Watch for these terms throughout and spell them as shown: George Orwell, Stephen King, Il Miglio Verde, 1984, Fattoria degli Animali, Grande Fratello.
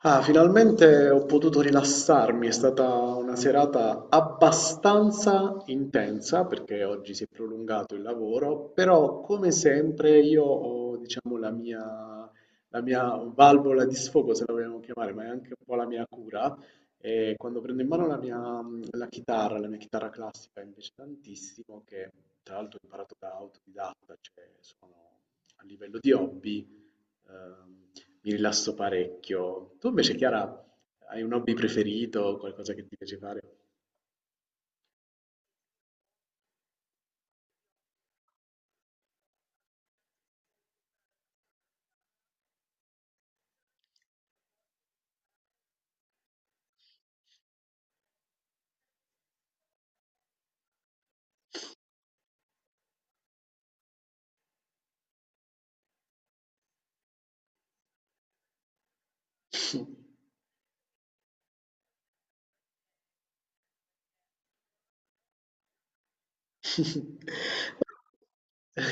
Ah, finalmente ho potuto rilassarmi, è stata una serata abbastanza intensa perché oggi si è prolungato il lavoro, però come sempre io ho, diciamo, la mia valvola di sfogo, se la vogliamo chiamare, ma è anche un po' la mia cura. E quando prendo in mano la chitarra, la mia chitarra classica invece tantissimo, che tra l'altro ho imparato da autodidatta, cioè sono a livello di hobby. Ehm, mi rilasso parecchio. Tu invece, Chiara, hai un hobby preferito, qualcosa che ti piace fare?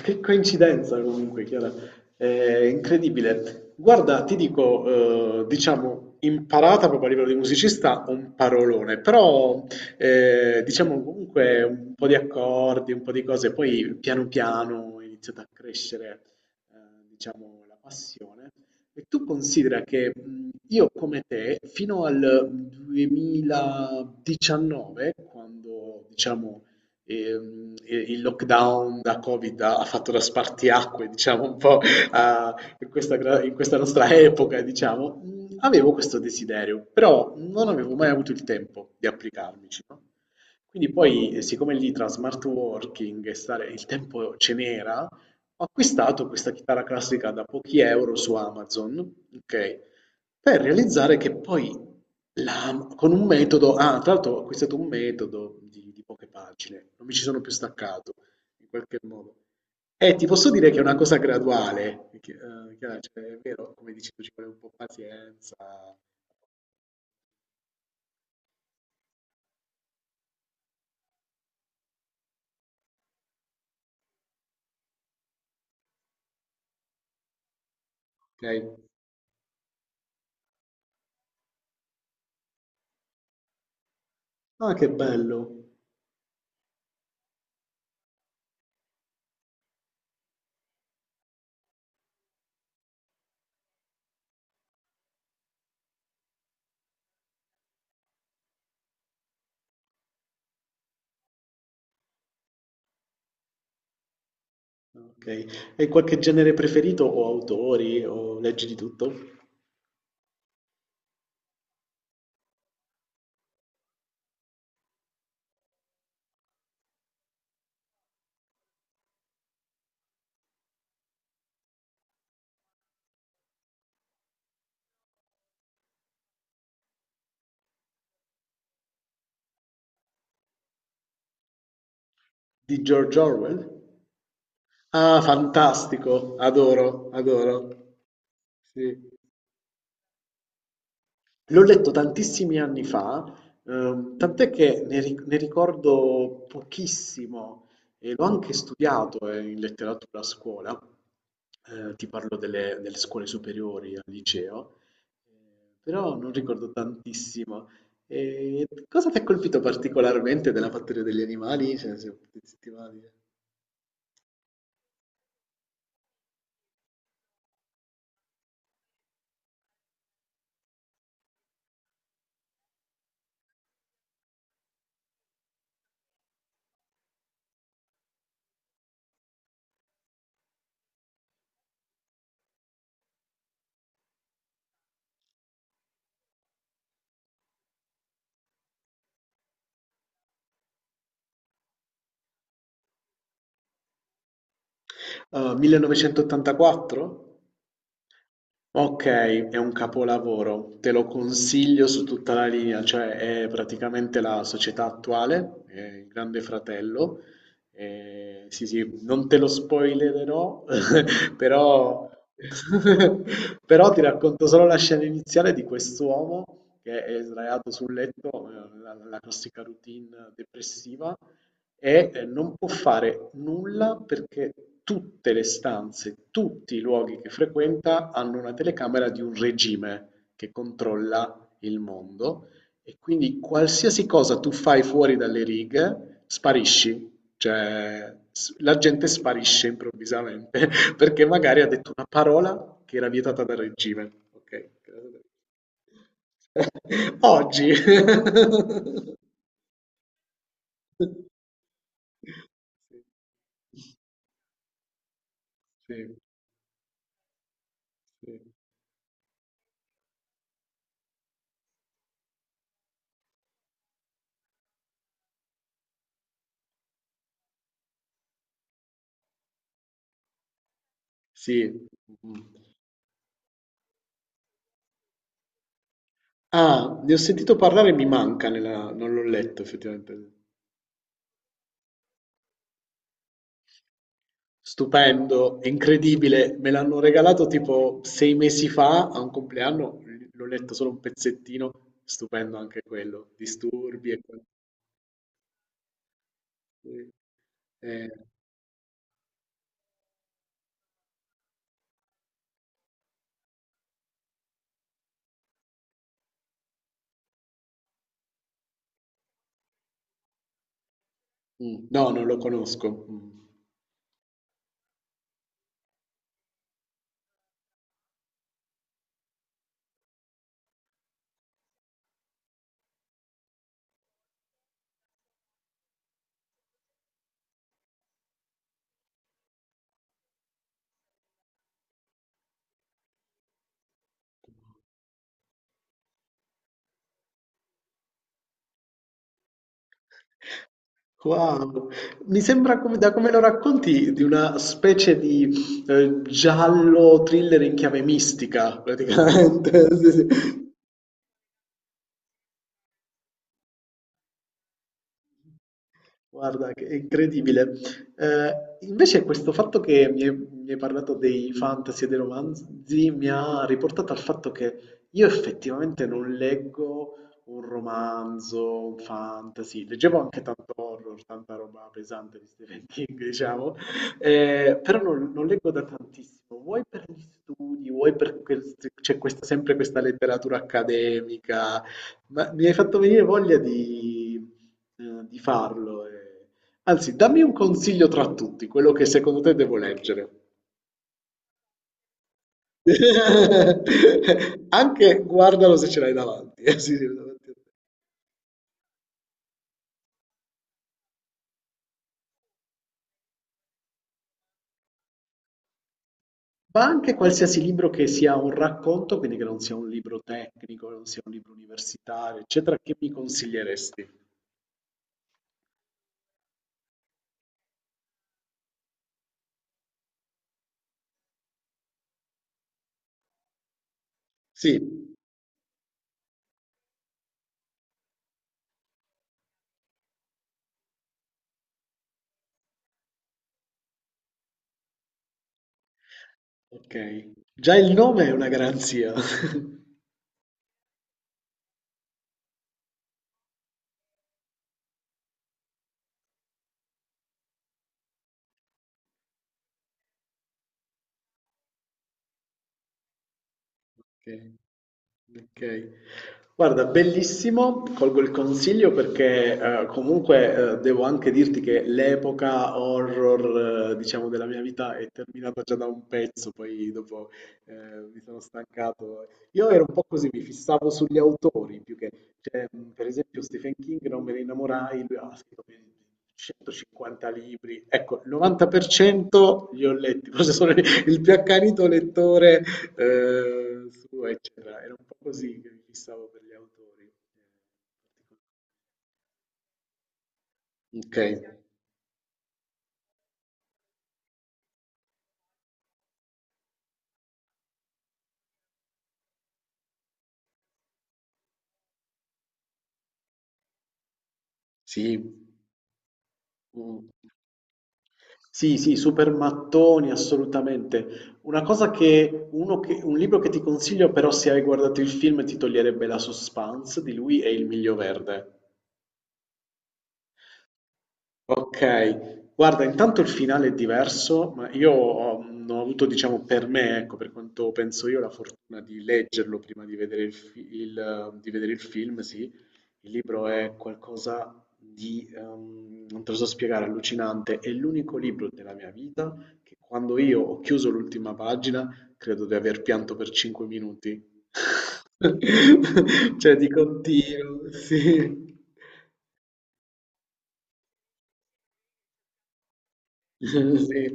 Che coincidenza comunque, Chiara, è incredibile. Guarda, ti dico, diciamo, imparata proprio a livello di musicista, un parolone, però diciamo comunque un po' di accordi, un po' di cose, poi piano piano è iniziata a crescere, eh, diciamo, la passione. E tu considera che io come te, fino al 2019, quando, diciamo, il lockdown da Covid ha fatto da spartiacque, diciamo, un po' in questa nostra epoca, diciamo, avevo questo desiderio, però non avevo mai avuto il tempo di applicarmici, no? Quindi poi, siccome lì tra smart working e stare, il tempo ce n'era, ho acquistato questa chitarra classica da pochi euro su Amazon, ok? Per realizzare che poi la con un metodo, tra l'altro ho acquistato un metodo di poche pagine, non mi ci sono più staccato, in qualche modo. Ti posso dire che è una cosa graduale, che chiaro, cioè, è vero, come dici tu, ci vuole un po' pazienza, okay. Ah, che bello, okay. Hai qualche genere preferito o autori o leggi di tutto? Di George Orwell? Ah, fantastico, adoro, adoro. Sì. L'ho letto tantissimi anni fa, tant'è che ne ricordo pochissimo e l'ho anche studiato in letteratura a scuola. Ti parlo delle scuole superiori al liceo, eh, però non ricordo tantissimo. E cosa ti ha colpito particolarmente della Fattoria degli Animali? Cioè, se potessi dire. 1984? Ok, è un capolavoro, te lo consiglio su tutta la linea, cioè è praticamente la società attuale, è il Grande Fratello. Sì, sì, non te lo spoilererò, però, però ti racconto solo la scena iniziale di quest'uomo che è sdraiato sul letto, la classica routine depressiva, e non può fare nulla perché tutte le stanze, tutti i luoghi che frequenta hanno una telecamera di un regime che controlla il mondo e quindi qualsiasi cosa tu fai fuori dalle righe sparisci, cioè la gente sparisce improvvisamente perché magari ha detto una parola che era vietata dal regime. Ok. Oggi. Sì, sì, sì. Mhm. Ah, ne ho sentito parlare, e mi manca, non l'ho letto effettivamente. Stupendo, è incredibile, me l'hanno regalato tipo 6 mesi fa a un compleanno, l'ho letto solo un pezzettino, stupendo anche quello, disturbi e quant'altro. Eh, no, non lo conosco. Mm. Wow, mi sembra da come lo racconti di una specie di giallo thriller in chiave mistica, praticamente. Sì, sì. Guarda, che è incredibile. Eh, invece questo fatto che mi hai parlato dei fantasy e dei romanzi mi ha riportato al fatto che io effettivamente non leggo un romanzo, un fantasy, leggevo anche tanto horror, tanta roba pesante di Stephen King, diciamo, però non leggo da tantissimo, vuoi per gli studi, vuoi perché c'è sempre questa letteratura accademica, ma mi hai fatto venire voglia di farlo. Anzi, dammi un consiglio tra tutti, quello che secondo te devo leggere. Anche guardalo se ce l'hai davanti, sì, sì, davanti a te. Ma anche qualsiasi libro che sia un racconto, quindi che non sia un libro tecnico, non sia un libro universitario, eccetera, che mi consiglieresti? Sì, ok. Già il nome è una garanzia. Okay. Okay. Guarda, bellissimo, colgo il consiglio perché comunque devo anche dirti che l'epoca horror, diciamo, della mia vita è terminata già da un pezzo, poi dopo eh, mi sono stancato. Io ero un po' così, mi fissavo sugli autori più che, cioè, per esempio, Stephen King non me ne innamorai, lui ha scritto più di 150 libri, ecco, il 90% li ho letti, forse sono il più accanito lettore. Su eccetera. Era un po' così che mi fissavo per gli autori. Ok, sì. Mm. Sì, sì, super mattoni, assolutamente. Una cosa che, uno che- un libro che ti consiglio però se hai guardato il film ti toglierebbe la suspense di lui è Il Miglio Verde. Okay, guarda intanto il finale è diverso, ma io ho avuto diciamo per me, ecco, per quanto penso io, la fortuna di leggerlo prima di vedere il film, sì. Il libro è qualcosa di, non te lo so spiegare, allucinante. È l'unico libro della mia vita che quando io ho chiuso l'ultima pagina, credo di aver pianto per 5 minuti. Cioè dico: "Oddio", sì. Sì.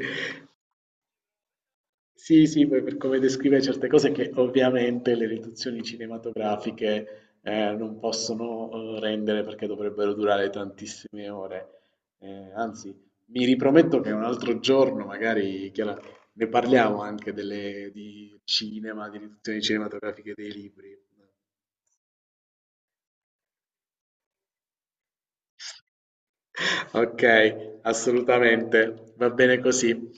Sì, sì, poi per come descrive certe cose che ovviamente le riduzioni cinematografiche non possono rendere perché dovrebbero durare tantissime ore. Anzi, mi riprometto che un altro giorno, magari, Chiara, ne parliamo anche di cinema, di riduzioni cinematografiche dei libri. Ok, assolutamente, va bene così.